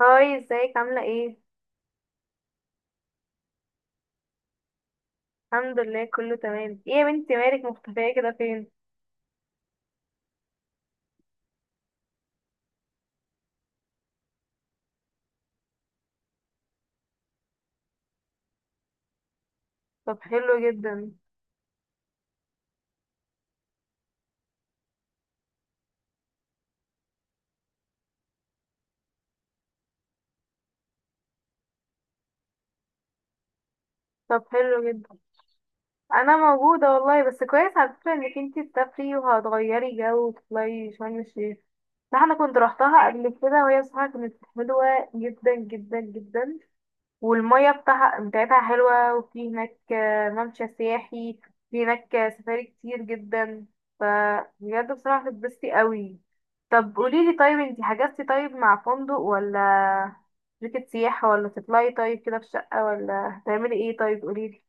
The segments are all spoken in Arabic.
هاي، ازيك عاملة ايه؟ الحمد لله، كله تمام. ايه يا بنتي، مالك مختفية كده فين؟ طب، حلو جدا. طب، حلو جدا. انا موجودة والله، بس كويس على فكرة انك انتي تسافري وهتغيري جو وتطلعي شرم الشيخ. ده انا كنت روحتها قبل كده، وهي بصراحة كانت حلوة جدا جدا جدا. والمية بتاعها بتاعتها حلوة، وفي هناك ممشى سياحي. في هناك سفاري كتير جدا. ف بجد، بصراحة هتتبسطي قوي. طب قوليلي، طيب انتي حجزتي؟ طيب مع فندق ولا شركة سياحة، ولا تطلعي طيب كده في شقة، ولا هتعملي ايه؟ طيب قوليلي.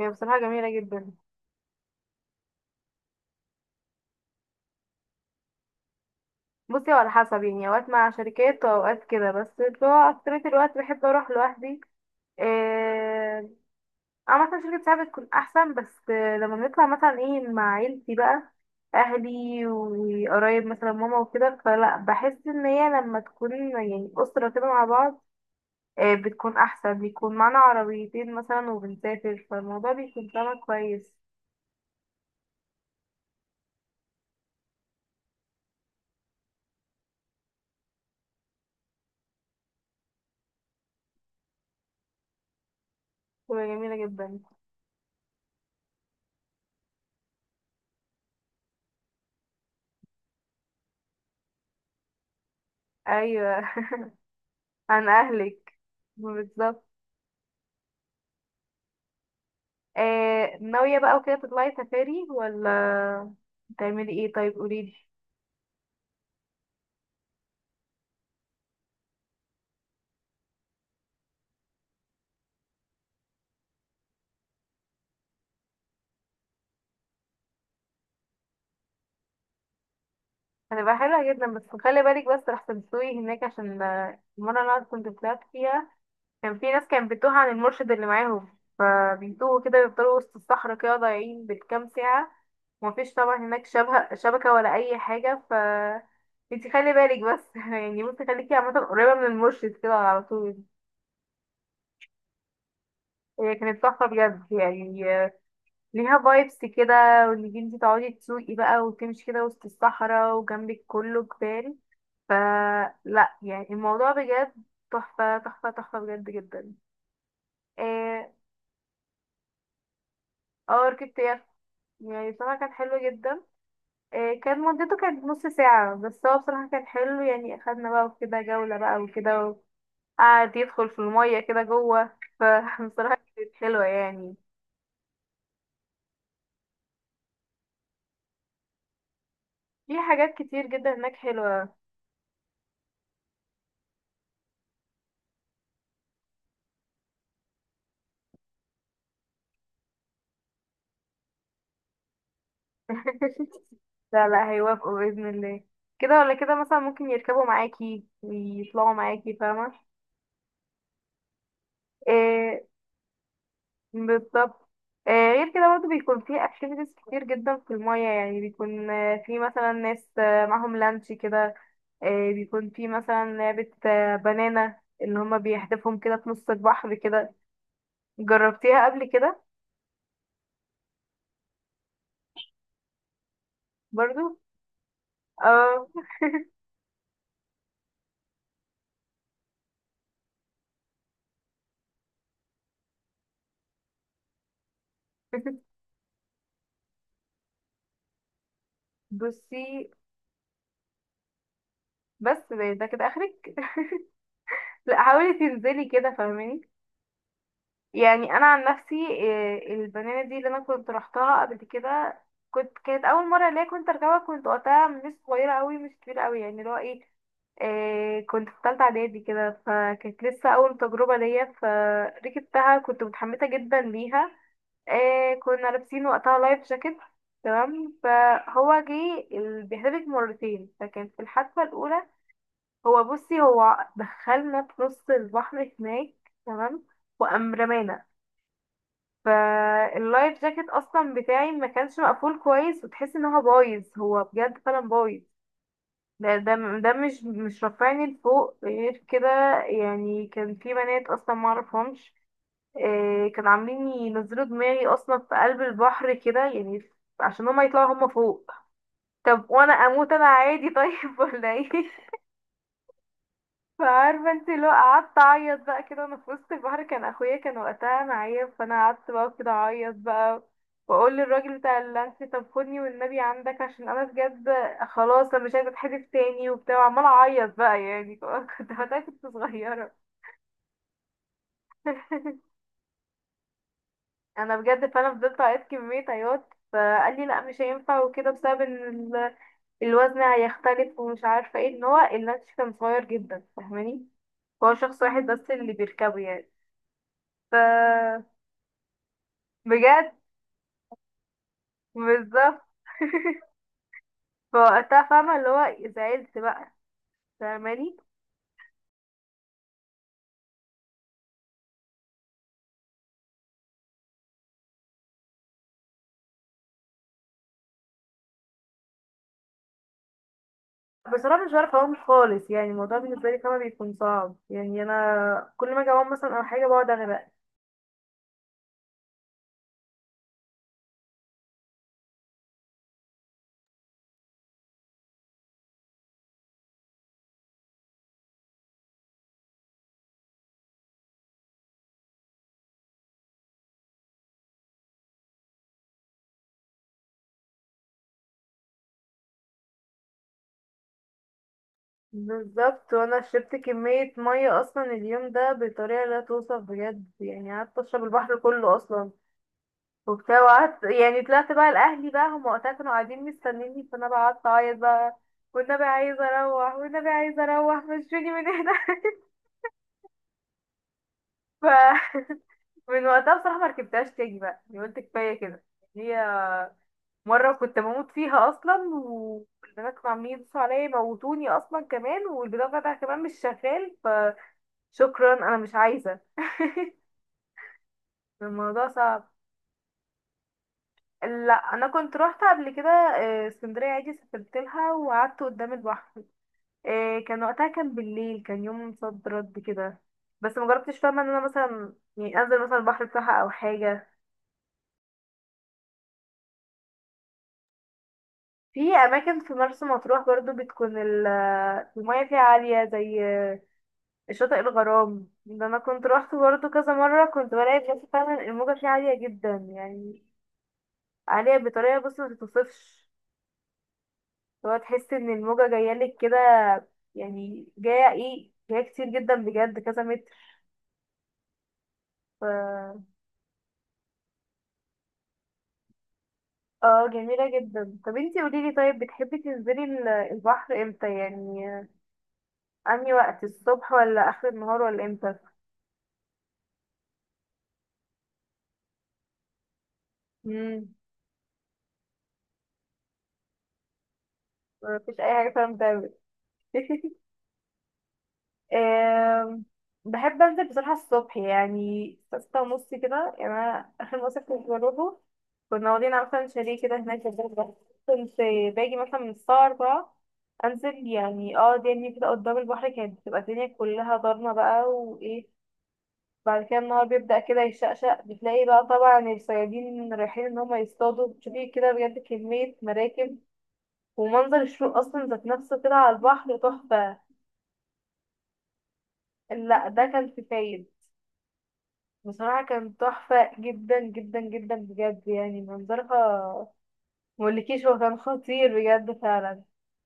هي بصراحة جميلة جدا. بصي، هو على حسب يعني، اوقات مع شركات واوقات كده، بس اللي هو اكترية الوقت بحب اروح لوحدي. إيه. اه، مثلا شركة ساعة بتكون أحسن، بس لما بنطلع مثلا ايه مع عيلتي بقى أهلي وقرايب مثلا ماما وكده، فلا بحس إن هي لما تكون يعني أسرة كده مع بعض، بتكون أحسن، بيكون معانا عربيتين مثلا وبنسافر، فالموضوع بيكون طعمه كويس. بتبقى جميلة جدا. أيوة. عن أهلك. بالظبط. ناوية بقى وكده تطلعي سفاري، ولا تعملي ايه؟ طيب قوليلي. هتبقى حلوة جدا، بس خلي بالك، بس رح تنسوي هناك عشان المرة اللي أنا كنت طلعت فيها كان في ناس كانت بتوه عن المرشد اللي معاهم، فبيتوه كده بيفضلوا وسط الصحراء كده ضايعين بالكام ساعة، ومفيش طبعا هناك شبكة شبكة ولا أي حاجة. انتي خلي بالك بس يعني، بصي خليكي عامة قريبة من المرشد كده على طول. هي كانت تحفة بجد يعني، ليها فايبس كده، وانك انتي تقعدي تسوقي بقى وتمشي كده وسط الصحراء وجنبك كله جبال، فلا يعني الموضوع بجد تحفة تحفة تحفة، بجد جدا. اه. ركبت يخت، يعني بصراحة كان حلو جدا. كان مدته كانت نص ساعة، بس هو بصراحة كان حلو، يعني أخدنا بقى وكده جولة بقى وكده، وقعد يدخل في المية كده جوه، فبصراحة كانت حلوة يعني. في حاجات كتير جدا هناك حلوة. لا لا، هيوافقوا بإذن الله. كده ولا كده، مثلا ممكن يركبوا معاكي ويطلعوا معاكي، فاهمة؟ آه، بالظبط. غير كده برضه بيكون في اكتيفيتيز كتير جدا في المية، يعني بيكون في مثلا ناس معاهم لانش كده. بيكون في مثلا لعبة بنانا، اللي هما بيحدفهم كده في نص البحر كده. جربتيها قبل كده؟ برضو. اه. بصي، بس ده كده اخرك. لا، حاولي تنزلي كده فاهماني. يعني انا عن نفسي، إيه، البنانه دي اللي انا كنت رحتها قبل كده، كنت كانت اول مره ليا كنت اركبها، كنت وقتها مش صغيره قوي مش كبيره قوي، يعني اللي هو ايه، إيه، كنت في ثالثه اعدادي كده، فكانت لسه اول تجربه ليا، فركبتها كنت متحمسه جدا ليها. إيه، كنا لابسين وقتها لايف جاكيت. تمام. فهو جه بيحتفل مرتين، فكان في الحادثه الاولى، هو بصي هو دخلنا في نص البحر هناك. تمام. وقام رمانا، فاللايف جاكيت اصلا بتاعي ما كانش مقفول كويس، وتحس ان هو بايظ، هو بجد فعلا بايظ. ده مش رافعني لفوق غير كده. يعني كان في بنات اصلا ما اعرفهمش، كانوا عاملين ينزلوا دماغي اصلا في قلب البحر كده يعني، عشان هما يطلعوا هما فوق. طب وانا اموت انا عادي طيب، ولا ايه؟ فعارفة، انت لو قعدت اعيط بقى كده وانا في وسط البحر، كان اخويا كان وقتها معايا، فانا قعدت بقى كده اعيط بقى، واقول للراجل بتاع اللانش: طب خدني والنبي عندك، عشان انا بجد خلاص، انا مش عايزه اتحدف تاني، وبتاع، وعماله اعيط بقى يعني. كنت وقتها كنت صغيره. انا بجد، فانا فضلت اعيط كميه عياط، فقال لي لا مش هينفع وكده، بسبب ان ال- الوزن هيختلف، ومش عارفه ايه، ان هو اللانش كان صغير جدا فاهماني، هو شخص واحد بس اللي بيركبه يعني. ف بجد. بالظبط. فوقتها، فاهمة اللي هو، زعلت بقى، فاهماني. بصراحة مش بعرف أقوم خالص، يعني الموضوع بالنسبة لي فاهمة بيكون صعب، يعني أنا كل ما أجي أقوم مثلا أو حاجة بقعد أغرق. بالظبط. وأنا شربت كمية مية أصلا اليوم ده بطريقة لا توصف، بجد يعني قعدت أشرب البحر كله أصلا، وبتاع، وقعدت يعني طلعت بقى لأهلي بقى، هم وقتها كانوا قاعدين مستنيني، فأنا بقى قعدت أعيط بقى: والنبي عايزة أروح، والنبي عايزة أروح مشوني من هنا. ف من وقتها بصراحة ما ركبتهاش تاني بقى، يعني قلت كفاية كده. هي مرة كنت بموت فيها أصلا، والبنات كانوا عاملين يدوسوا عليا يموتوني أصلا كمان، والبناء بتاعها كمان مش شغال، فشكرا أنا مش عايزة. الموضوع صعب. لا، انا كنت روحت قبل كده اسكندريه عادي، سافرت لها وقعدت قدام البحر. كان وقتها كان بالليل، كان يوم صد رد كده، بس مجربتش فاهمه ان انا مثلا يعني انزل مثلا البحر بتاعها او حاجه. في اماكن في مرسى مطروح برضو بتكون المياه فيها عاليه، زي شاطئ الغرام، ده انا كنت روحت برضو كذا مره، كنت بلاقي بجد فعلا الموجه فيه عاليه جدا يعني، عاليه بطريقه، بص، ما تتوصفش. هو تحس ان الموجه جايه لك كده، يعني جايه ايه، جايه كتير جدا بجد، كذا متر. ف اه، جميله جدا. طب انتي قوليلي، طيب بتحبي تنزلي البحر امتى يعني؟ انهي وقت، الصبح ولا اخر النهار ولا امتى؟ مم. مفيش اي حاجه فعلا بتعمل. آم، بحب انزل بصراحه الصبح، يعني 6:30 كده. يعني انا اخر مصيف كنت بروحه كنا واخدين مثلا شاليه كده هناك في الغردقة. كنت باجي مثلا من الساعه 4، انزل يعني، اه دنيا كده قدام البحر، كانت بتبقى الدنيا كلها ضلمه بقى وايه، بعد كده النهار بيبدأ كده يشقشق، بتلاقي بقى طبعا الصيادين رايحين ان هم يصطادوا، بتشوفي كده بجد كمية مراكب، ومنظر الشروق اصلا ذات نفسه كده على البحر تحفة. لا، ده كان في فايد، بصراحة كان تحفة جدا جدا جدا بجد، يعني منظرها مقولكيش، هو كان خطير بجد فعلا.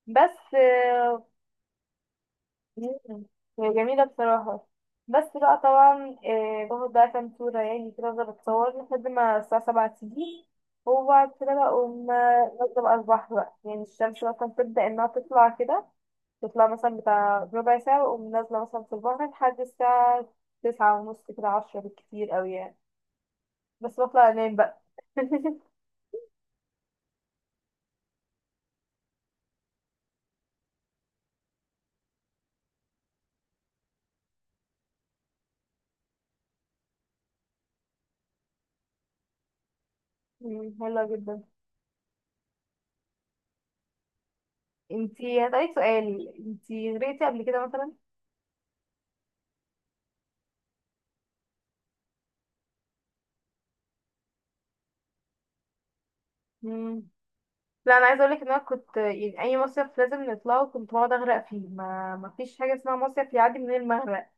بس مم، هي جميلة بصراحة. بس بقى طبعا باخد بقى كام صورة يعني كده، افضل اتصور لحد ما الساعة 7 تيجي، وبعد كده بقوم نازلة بقى البحر بقى، يعني الشمس بقى كانت تبدأ انها تطلع كده، تطلع مثلا بتاع ربع ساعة، وأقوم نازلة مثلا في البحر لحد الساعة 9:30 كده 10 بالكتير أوي يعني، بس بطلع أنام بقى. مم، حلوة جدا. انتي هسألك سؤال، انتي غرقتي قبل كده مثلا؟ مم. لا، أنا عايزة أقولك إن أنا كنت يعني أي مصيف لازم نطلعه كنت بقعد أغرق فيه، ما فيش حاجة اسمها مصيف يعدي من المغرق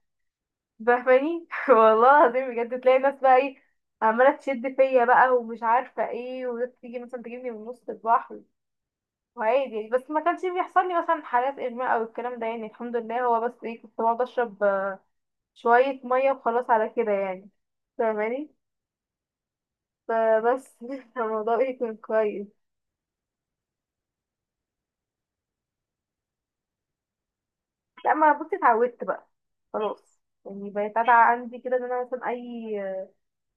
فاهماني؟ والله العظيم، بجد تلاقي ناس بقى إيه عمالة تشد فيا بقى ومش عارفة إيه، وتيجي مثلا تجيبني من نص البحر، وعادي يعني. بس ما كانش بيحصل لي مثلا حالات اغماء او الكلام ده، يعني الحمد لله، هو بس ايه كنت بقعد اشرب شويه ميه وخلاص على كده يعني، فاهماني، فبس الموضوع ايه كان كويس. لما بصي اتعودت بقى، خلاص يعني بقيت عادة عندي كده ان انا مثلا اي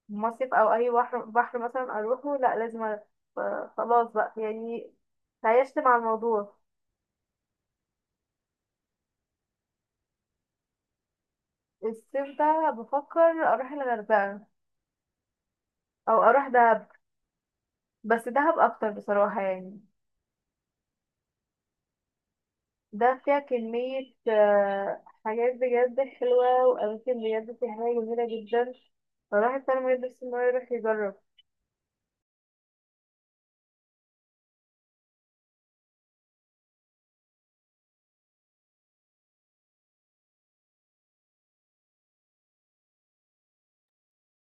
مصيف او اي بحر مثلا اروحه، لا لازم أروح. فخلاص بقى يعني تعايشت مع الموضوع. الصيف ده بفكر اروح الغردقه، او اروح دهب. بس دهب اكتر بصراحه يعني. ده فيها كمية حاجات بجد حلوة وأماكن بجد سياحية جميلة جدا، فالواحد فعلا ميقدرش إن هو يروح يجرب.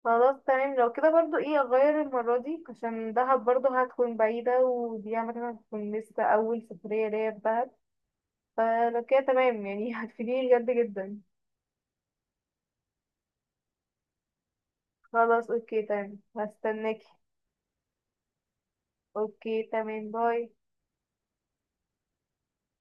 خلاص تمام، لو كده برضو ايه أغير المرة دي، عشان دهب برضو هتكون بعيدة، ودي عامة هتكون لسه أول سفرية ليا في دهب، فلو كده تمام يعني هتفيديني بجد جدا. خلاص، اوكي تمام، هستناكي. اوكي تمام، باي.